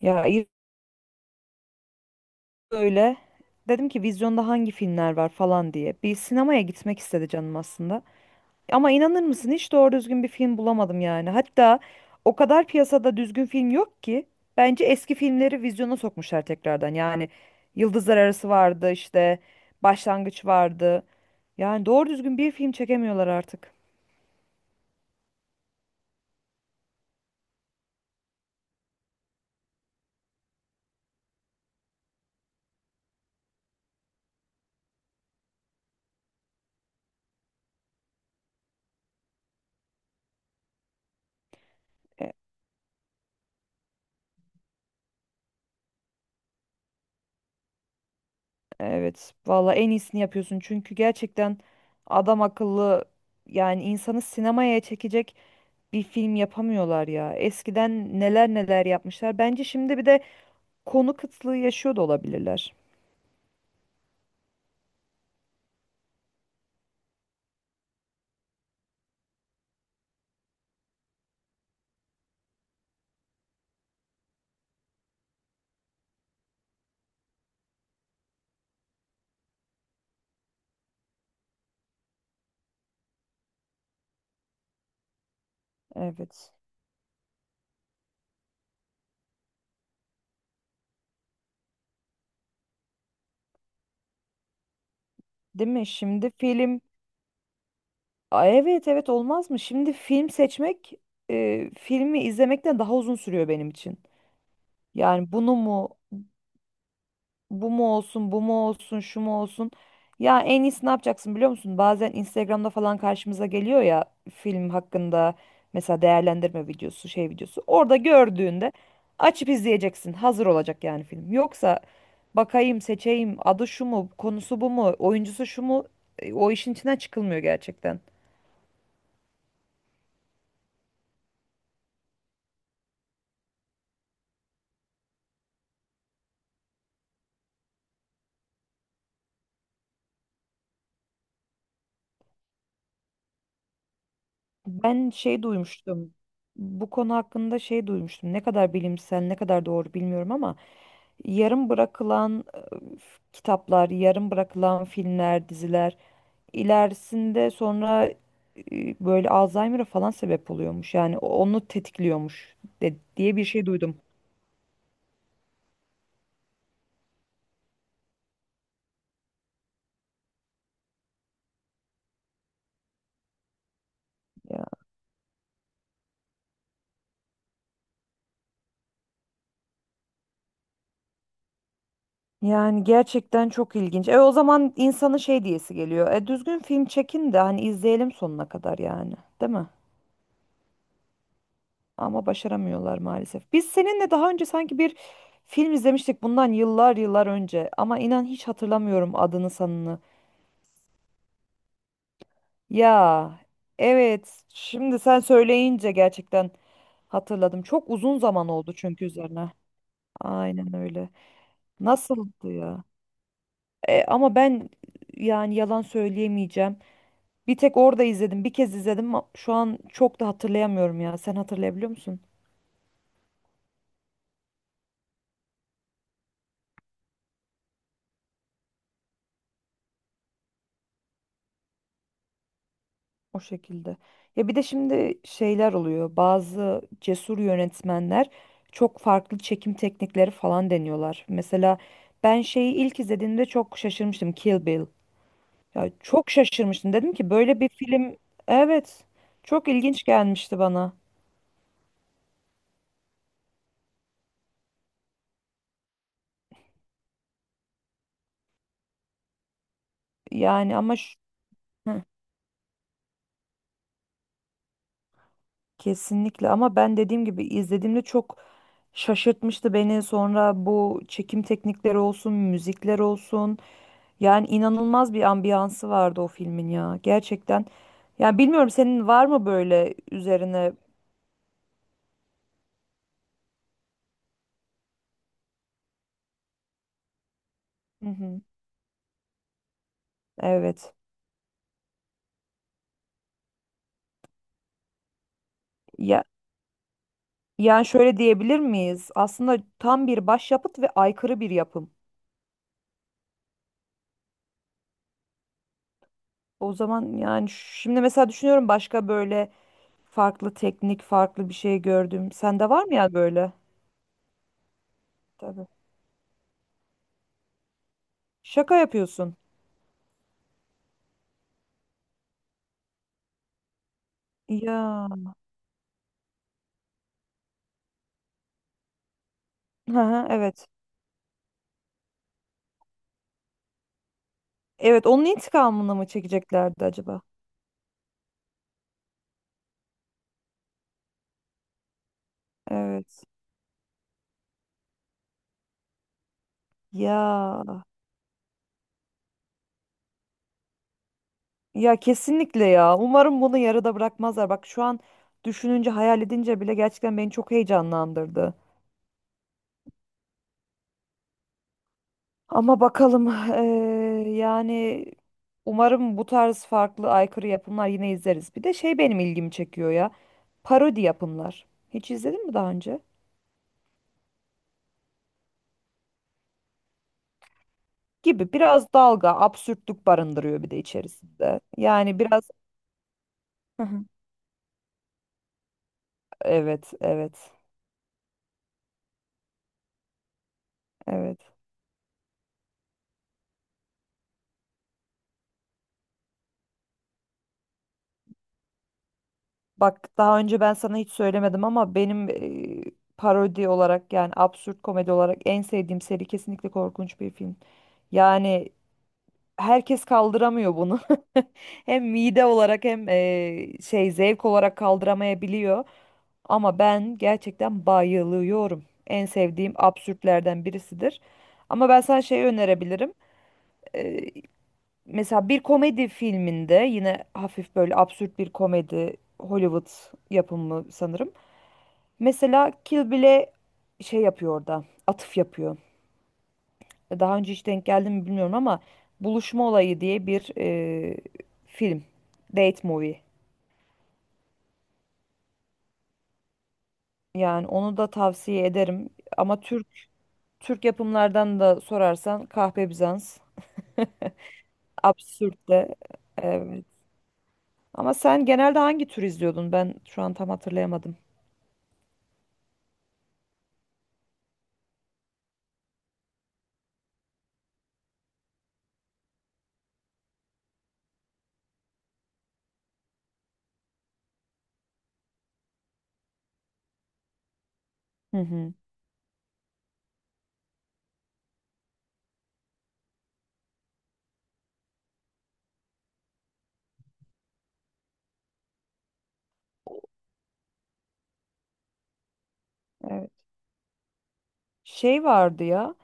Ya ilk öyle dedim ki vizyonda hangi filmler var falan diye. Bir sinemaya gitmek istedi canım aslında. Ama inanır mısın hiç doğru düzgün bir film bulamadım yani. Hatta o kadar piyasada düzgün film yok ki bence eski filmleri vizyona sokmuşlar tekrardan. Yani Yıldızlar Arası vardı işte Başlangıç vardı. Yani doğru düzgün bir film çekemiyorlar artık. E- Evet, valla en iyisini yapıyorsun çünkü gerçekten adam akıllı yani insanı sinemaya çekecek bir film yapamıyorlar ya. Eskiden neler neler yapmışlar. Bence şimdi bir de konu kıtlığı yaşıyor da olabilirler. Evet. Değil mi? Şimdi film. Aa, evet, evet, olmaz mı? Şimdi film seçmek, filmi izlemekten daha uzun sürüyor benim için. Yani bunu mu, bu mu olsun, bu mu olsun, şu mu olsun. Ya en iyisi ne yapacaksın biliyor musun? Bazen Instagram'da falan karşımıza geliyor ya, film hakkında mesela değerlendirme videosu, şey videosu. Orada gördüğünde açıp izleyeceksin. Hazır olacak yani film. Yoksa bakayım, seçeyim, adı şu mu, konusu bu mu, oyuncusu şu mu? O işin içinden çıkılmıyor gerçekten. Ben şey duymuştum. Bu konu hakkında şey duymuştum. Ne kadar bilimsel, ne kadar doğru bilmiyorum ama yarım bırakılan kitaplar, yarım bırakılan filmler, diziler ilerisinde sonra böyle Alzheimer'a falan sebep oluyormuş. Yani onu tetikliyormuş diye bir şey duydum. Ya- Yani gerçekten çok ilginç. E o zaman insanın şey diyesi geliyor. E düzgün film çekin de hani izleyelim sonuna kadar yani, değil mi? Ama başaramıyorlar maalesef. Biz seninle daha önce sanki bir film izlemiştik bundan yıllar yıllar önce ama inan hiç hatırlamıyorum adını sanını. Ya evet, şimdi sen söyleyince gerçekten hatırladım. Çok uzun zaman oldu çünkü üzerine. Aynen öyle. Nasıldı ya? E, ama ben yani yalan söyleyemeyeceğim. Bir tek orada izledim. Bir kez izledim. Ama şu an çok da hatırlayamıyorum ya. Sen hatırlayabiliyor musun? O şekilde. Ya bir de şimdi şeyler oluyor. Bazı cesur yönetmenler çok farklı çekim teknikleri falan deniyorlar. Mesela ben şeyi ilk izlediğimde çok şaşırmıştım. Kill Bill. Ya çok şaşırmıştım. Dedim ki böyle bir film, evet çok ilginç gelmişti bana. Yani ama hı, kesinlikle ama ben dediğim gibi izlediğimde çok şaşırtmıştı beni. Sonra bu çekim teknikleri olsun, müzikler olsun. Yani inanılmaz bir ambiyansı vardı o filmin ya. Gerçekten. Yani bilmiyorum senin var mı böyle üzerine? Hı hı. Evet. Ya yani şöyle diyebilir miyiz? Aslında tam bir başyapıt ve aykırı bir yapım. O zaman yani şimdi mesela düşünüyorum başka böyle farklı teknik, farklı bir şey gördüm. Sende var mı ya böyle? Tabii. Şaka yapıyorsun. Ya. Hı hı, evet. Evet, onun intikamını mı çekeceklerdi acaba? Evet. Ya. Ya kesinlikle ya. Umarım bunu yarıda bırakmazlar. Bak şu an düşününce, hayal edince bile gerçekten beni çok heyecanlandırdı. Ama bakalım yani umarım bu tarz farklı aykırı yapımlar yine izleriz. Bir de şey benim ilgimi çekiyor ya. Parodi yapımlar. Hiç izledin mi daha önce? Gibi biraz dalga, absürtlük barındırıyor bir de içerisinde. Yani biraz hı hı. Evet, evet, evet. Bak daha önce ben sana hiç söylemedim ama benim parodi olarak yani absürt komedi olarak en sevdiğim seri kesinlikle korkunç bir film. Yani herkes kaldıramıyor bunu. Hem mide olarak hem şey zevk olarak kaldıramayabiliyor. Ama ben gerçekten bayılıyorum. En sevdiğim absürtlerden birisidir. Ama ben sana şey önerebilirim. E, mesela bir komedi filminde yine hafif böyle absürt bir komedi Hollywood yapımı sanırım. Mesela Kill Bill'e şey yapıyor orada. Atıf yapıyor. E, daha önce hiç denk geldi mi bilmiyorum ama Buluşma Olayı diye bir film. Date movie. Yani onu da tavsiye ederim. Ama Türk yapımlardan da sorarsan Kahpe Bizans, absürt de. Evet. Ama sen genelde hangi tür izliyordun? Ben şu an tam hatırlayamadım. Hı hı. Evet. Şey vardı ya.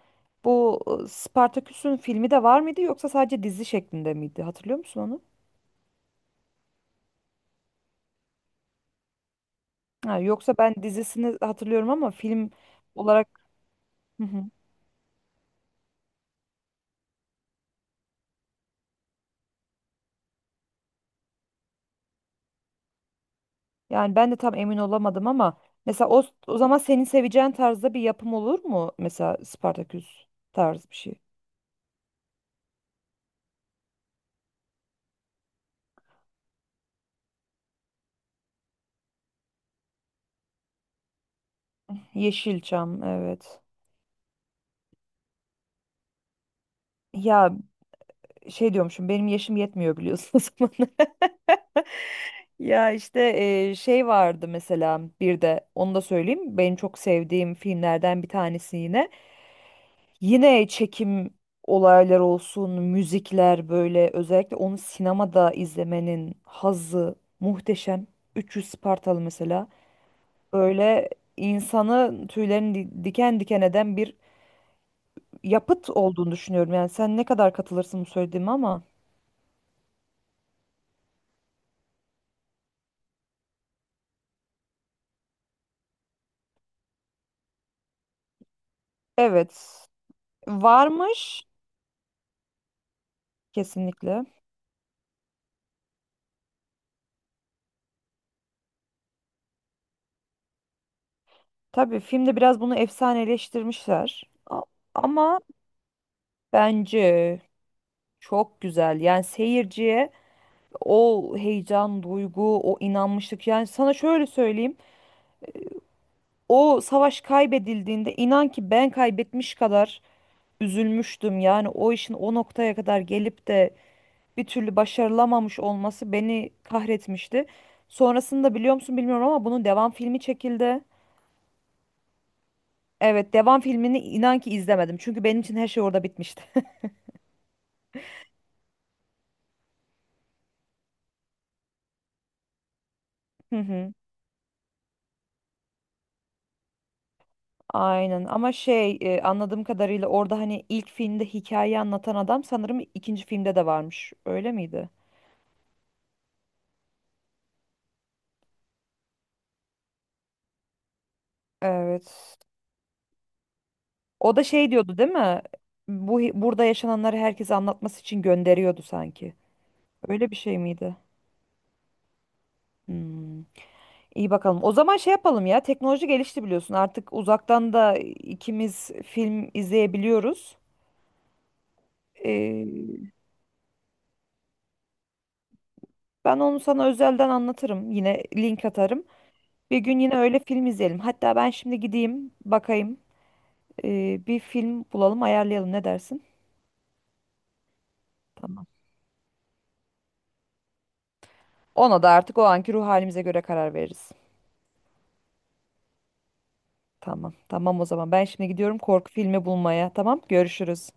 Bu Spartaküs'ün filmi de var mıydı yoksa sadece dizi şeklinde miydi? Hatırlıyor musun onu? Ha, yoksa ben dizisini hatırlıyorum ama film olarak yani ben de tam emin olamadım ama mesela o zaman senin seveceğin tarzda bir yapım olur mu? Mesela Spartaküs tarzı bir şey. Yeşilçam, evet. Ya şey diyormuşum, benim yaşım yetmiyor biliyorsun o zaman. Ya işte şey vardı mesela, bir de onu da söyleyeyim. Benim çok sevdiğim filmlerden bir tanesi yine. Yine çekim olaylar olsun, müzikler böyle özellikle onu sinemada izlemenin hazzı muhteşem. 300 Spartalı mesela. Böyle insanı tüylerini diken diken eden bir yapıt olduğunu düşünüyorum. Yani sen ne kadar katılırsın bu söylediğime ama. Evet. Varmış kesinlikle. Tabii filmde biraz bunu efsaneleştirmişler. Ama bence çok güzel. Yani seyirciye o heyecan, duygu, o inanmışlık. Yani sana şöyle söyleyeyim. O savaş kaybedildiğinde inan ki ben kaybetmiş kadar üzülmüştüm. Yani o işin o noktaya kadar gelip de bir türlü başarılamamış olması beni kahretmişti. Sonrasında biliyor musun bilmiyorum ama bunun devam filmi çekildi. Evet, devam filmini inan ki izlemedim. Çünkü benim için her şey orada bitmişti. Hı hı. Aynen ama şey anladığım kadarıyla orada hani ilk filmde hikayeyi anlatan adam sanırım ikinci filmde de varmış. Öyle miydi? Evet. O da şey diyordu değil mi? Bu burada yaşananları herkese anlatması için gönderiyordu sanki. Öyle bir şey miydi? Hmm. İyi bakalım. O zaman şey yapalım ya. Teknoloji gelişti biliyorsun. Artık uzaktan da ikimiz film izleyebiliyoruz. Ee, ben onu sana özelden anlatırım. Yine link atarım. Bir gün yine öyle film izleyelim. Hatta ben şimdi gideyim, bakayım. Bir film bulalım, ayarlayalım. Ne dersin? Tamam. Ona da artık o anki ruh halimize göre karar veririz. Tamam. Tamam o zaman. Ben şimdi gidiyorum korku filmi bulmaya. Tamam. Görüşürüz.